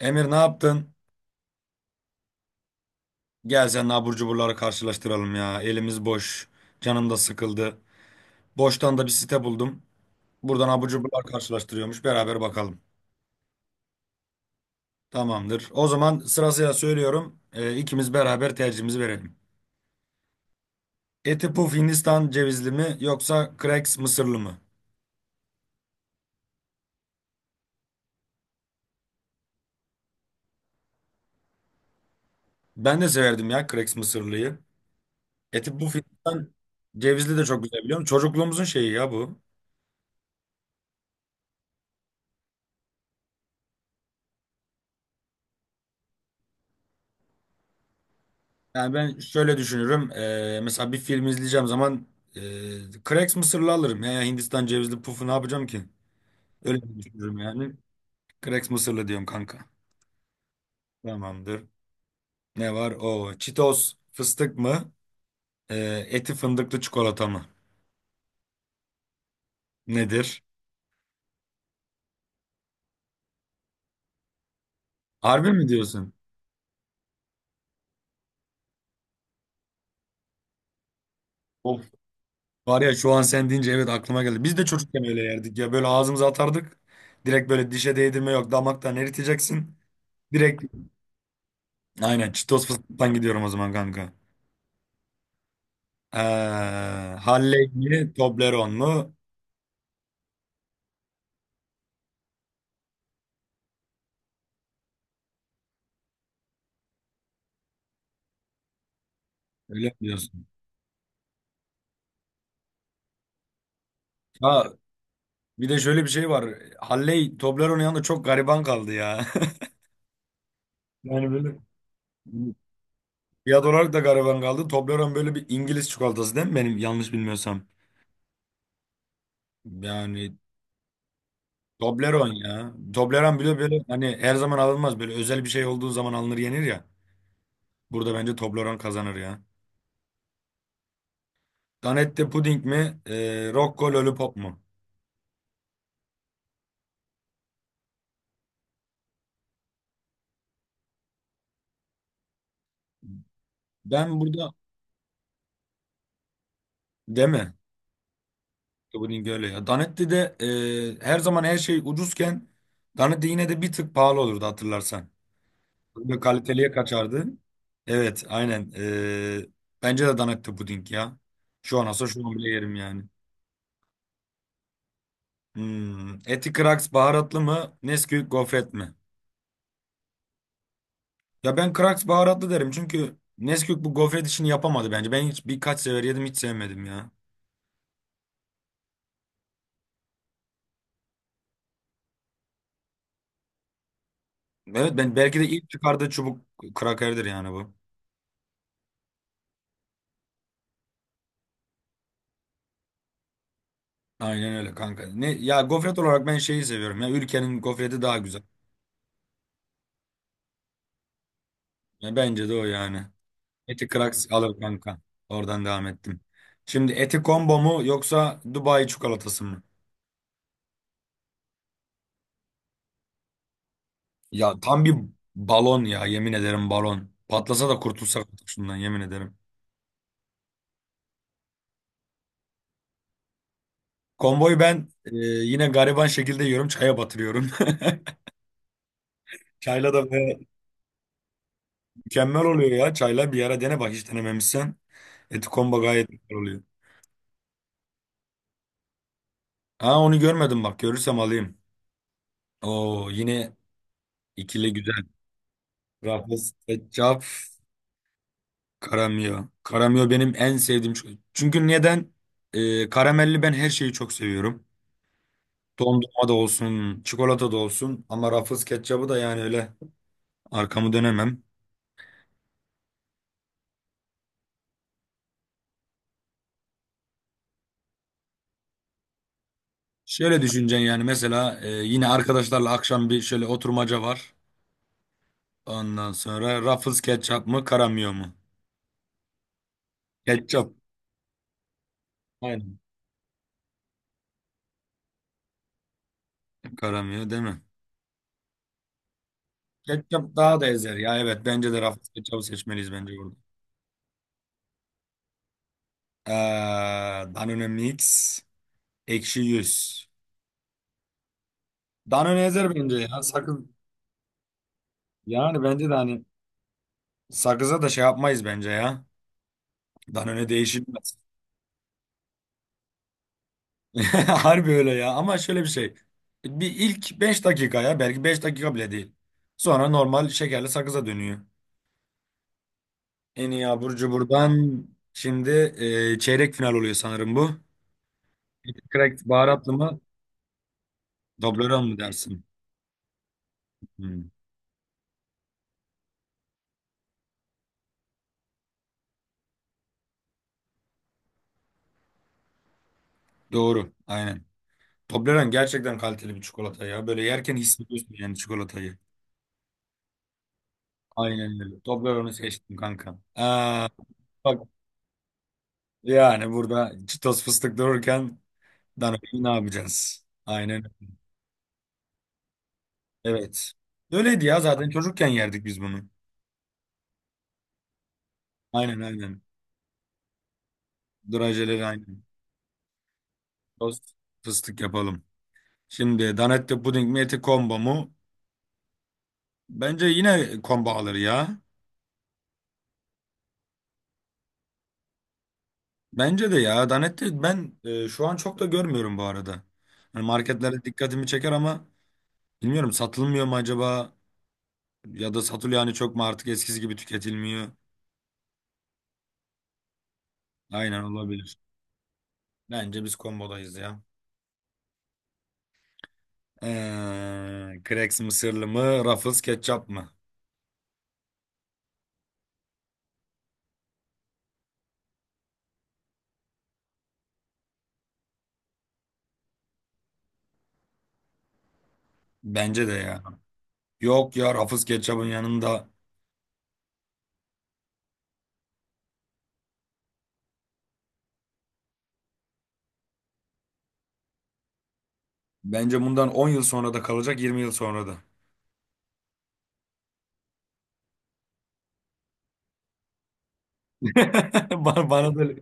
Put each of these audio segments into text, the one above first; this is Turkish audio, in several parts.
Emir ne yaptın? Gel sen abur cuburları karşılaştıralım ya. Elimiz boş. Canım da sıkıldı. Boştan da bir site buldum. Buradan abur cuburlar karşılaştırıyormuş. Beraber bakalım. Tamamdır. O zaman sırasıyla söylüyorum. İkimiz beraber tercihimizi verelim. Eti Puf Hindistan cevizli mi yoksa Cracks mısırlı mı? Ben de severdim ya Cracks mısırlıyı. Eti Puf Hindistan cevizli de çok güzel biliyorum. Çocukluğumuzun şeyi ya bu. Yani ben şöyle düşünürüm. Mesela bir film izleyeceğim zaman eee Cracks mısırlı alırım. Ya Hindistan cevizli pufu ne yapacağım ki? Öyle düşünürüm yani. Cracks mısırlı diyorum kanka. Tamamdır. Ne var? O Cheetos fıstık mı? Eti fındıklı çikolata mı? Nedir? Harbi mi diyorsun? Of. Var ya şu an sen deyince evet aklıma geldi. Biz de çocukken öyle yerdik ya. Böyle ağzımıza atardık. Direkt böyle dişe değdirme yok. Damaktan eriteceksin. Direkt aynen Cheetos fıstıktan gidiyorum o zaman kanka. Ee, Halley mi, Toblerone mu? Öyle mi diyorsun? Ha, bir de şöyle bir şey var. Halley, Toblerone yanında çok gariban kaldı ya. Yani böyle fiyat olarak da gariban kaldı. Toblerone böyle bir İngiliz çikolatası değil mi benim yanlış bilmiyorsam? Yani Toblerone ya. Toblerone bile böyle hani her zaman alınmaz. Böyle özel bir şey olduğu zaman alınır yenir ya. Burada bence Toblerone kazanır ya. Danette puding mi? Rocco Lollipop mu? Ben burada değil mi? Dublin öyle ya. Danetti'de her zaman her şey ucuzken Danetti yine de bir tık pahalı olurdu hatırlarsan. Böyle kaliteliye kaçardı. Evet aynen. E, bence de Danetti puding ya. Şu an olsa şu an bile yerim yani. Hmm. Eti Kraks baharatlı mı? Nesquik gofret mi? Ya ben Kraks baharatlı derim çünkü Nesquik bu gofret işini yapamadı bence. Ben hiç birkaç sefer yedim hiç sevmedim ya. Evet ben belki de ilk çıkardığı çubuk krakerdir yani bu. Aynen öyle kanka. Ne ya, gofret olarak ben şeyi seviyorum ya. Ülkenin gofreti daha güzel. Ya bence de o yani. Eti Kraks alır kanka. Oradan devam ettim. Şimdi Eti Combo mu yoksa Dubai çikolatası mı? Ya tam bir balon ya yemin ederim, balon. Patlasa da kurtulsak artık şundan yemin ederim. Komboyu ben yine gariban şekilde yiyorum, çaya batırıyorum. Çayla da böyle mükemmel oluyor ya. Çayla bir ara dene bak hiç denememişsen. Eti Combo gayet güzel oluyor. Ha, onu görmedim, bak görürsem alayım. Oo, yine ikili güzel. Rafa Secap, Karamio. Karamio benim en sevdiğim. Çünkü neden? Karamelli ben her şeyi çok seviyorum. Dondurma da olsun, çikolata da olsun. Ama Ruffles ketçabı da yani, öyle arkamı dönemem. Şöyle düşüneceksin yani, mesela yine arkadaşlarla akşam bir şöyle oturmaca var. Ondan sonra Ruffles ketçap mı, Karamio mu? Ketçap. Aynen. Karamio değil mi? Ketçap daha da ezer ya, evet bence de Ruffles ketçabı seçmeliyiz bence burada. Ee, Danone Mix ekşi yüz. Danone ezer bence ya. Sakız, yani bence de hani sakıza da şey yapmayız bence ya. Danone değişilmez. Harbi öyle ya, ama şöyle bir şey. Bir ilk 5 dakika ya, belki 5 dakika bile değil. Sonra normal şekerli sakıza dönüyor. En iyi abur cuburdan şimdi çeyrek final oluyor sanırım bu. Cracked baharatlı mı? Toblerone mu dersin? Hmm. Doğru, aynen. Toblerone gerçekten kaliteli bir çikolata ya. Böyle yerken hissediyorsun yani çikolatayı. Aynen öyle. Toblerone'u seçtim kanka. Aa, bak yani burada Cheetos fıstık dururken Danone'yi ne yapacağız? Aynen öyle. Evet. Öyleydi ya, zaten çocukken yerdik biz bunu. Aynen aynen. Drajeleri aynen. Tost fıstık yapalım. Şimdi Danette puding mi, eti combo mu? Bence yine combo alır ya. Bence de ya. Danette ben şu an çok da görmüyorum bu arada. Hani marketlerde dikkatimi çeker ama bilmiyorum, satılmıyor mu acaba? Ya da satılıyor hani, çok mu artık eskisi gibi tüketilmiyor? Aynen, olabilir. Bence biz kombodayız ya. Crex'in mısırlı mı? Ruffles ketçap mı? Bence de ya. Yok ya, Ruffles ketçabın yanında. Bence bundan 10 yıl sonra da kalacak, 20 yıl sonra da. Bana da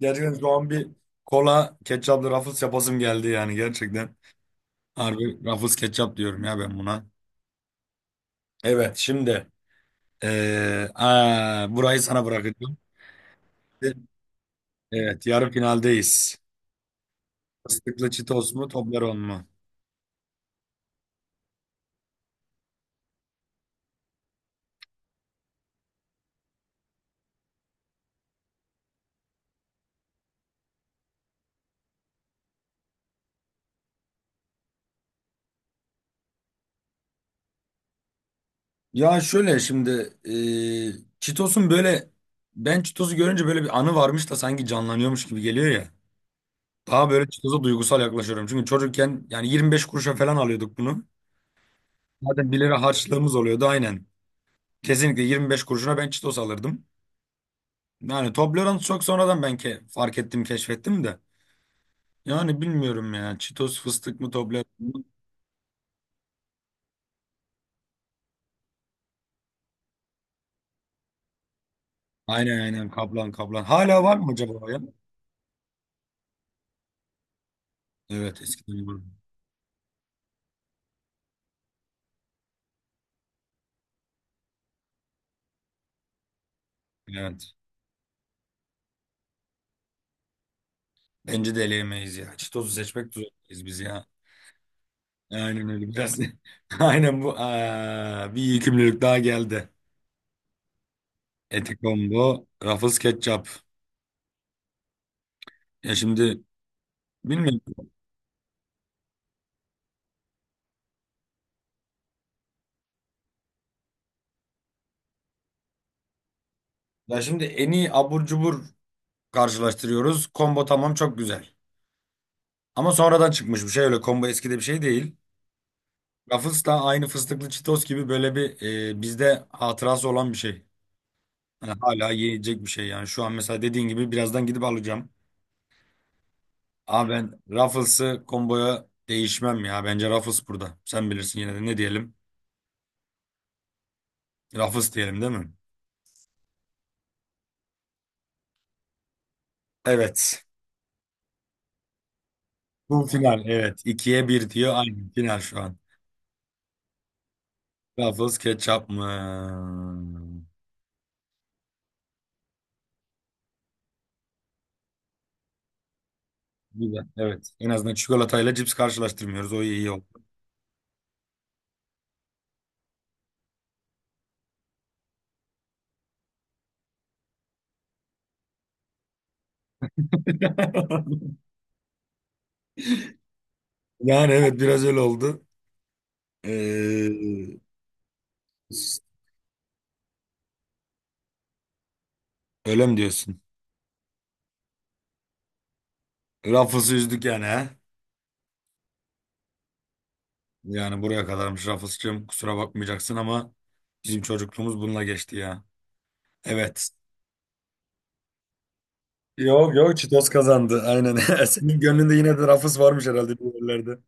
gerçekten şu an bir kola ketçaplı Ruffles yapasım geldi yani, gerçekten. Harbi Ruffles ketçap diyorum ya ben buna. Evet şimdi burayı sana bırakacağım. Evet, yarı finaldeyiz. Fıstıklı Cheetos mu, Toblerone mu? Ya şöyle şimdi, Çitos'un böyle, ben Çitos'u görünce böyle bir anı varmış da sanki canlanıyormuş gibi geliyor ya. Daha böyle Çitos'a duygusal yaklaşıyorum. Çünkü çocukken yani 25 kuruşa falan alıyorduk bunu. Zaten 1 lira harçlığımız oluyordu aynen. Kesinlikle 25 kuruşuna ben Çitos alırdım. Yani Toblerone çok sonradan ben fark ettim, keşfettim de. Yani bilmiyorum ya. Çitos fıstık mı, Toblerone mu? Aynen aynen, kaplan kaplan. Hala var mı acaba o ya? Evet eskiden vardı. Evet. Bence de eleyemeyiz ya. Çitos'u seçmek zorundayız biz ya. Aynen öyle biraz. Aynen bu. Aa, bir iyi daha geldi. Eti combo, Ruffles ketçap. Ya şimdi bilmiyorum. Ya şimdi en iyi abur cubur karşılaştırıyoruz. Combo tamam, çok güzel. Ama sonradan çıkmış bir şey öyle. Combo eski de bir şey değil. Rafız da aynı fıstıklı çitos gibi böyle bir, bizde hatırası olan bir şey. Yani hala yiyecek bir şey yani. Şu an mesela dediğin gibi birazdan gidip alacağım. Ama ben Ruffles'ı komboya değişmem ya. Bence Ruffles burada. Sen bilirsin, yine de ne diyelim? Ruffles diyelim değil mi? Evet. Bu final evet. 2-1 diyor. Aynı final şu an. Ruffles ketçap mı? Güzel. Evet. En azından çikolatayla cips karşılaştırmıyoruz. O iyi oldu. Yani evet, biraz öyle oldu. Ee, Öyle mi diyorsun? Rafız'ı üzdük yani, he? Yani buraya kadarmış Rafız'cığım, kusura bakmayacaksın ama bizim çocukluğumuz bununla geçti ya. Evet. Yok yok, Çitos kazandı aynen. Senin gönlünde yine de Rafız varmış herhalde bu yerlerde.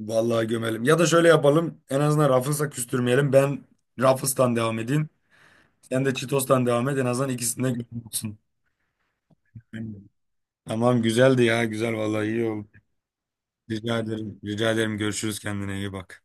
Vallahi gömelim. Ya da şöyle yapalım, en azından Rafız'la küstürmeyelim. Ben Rafız'tan devam edeyim. Sen de Çitos'tan devam et, en azından ikisinde gönlün olsun. Tamam, güzeldi ya, güzel vallahi, iyi oldu. Rica ederim. Rica ederim, görüşürüz, kendine iyi bak.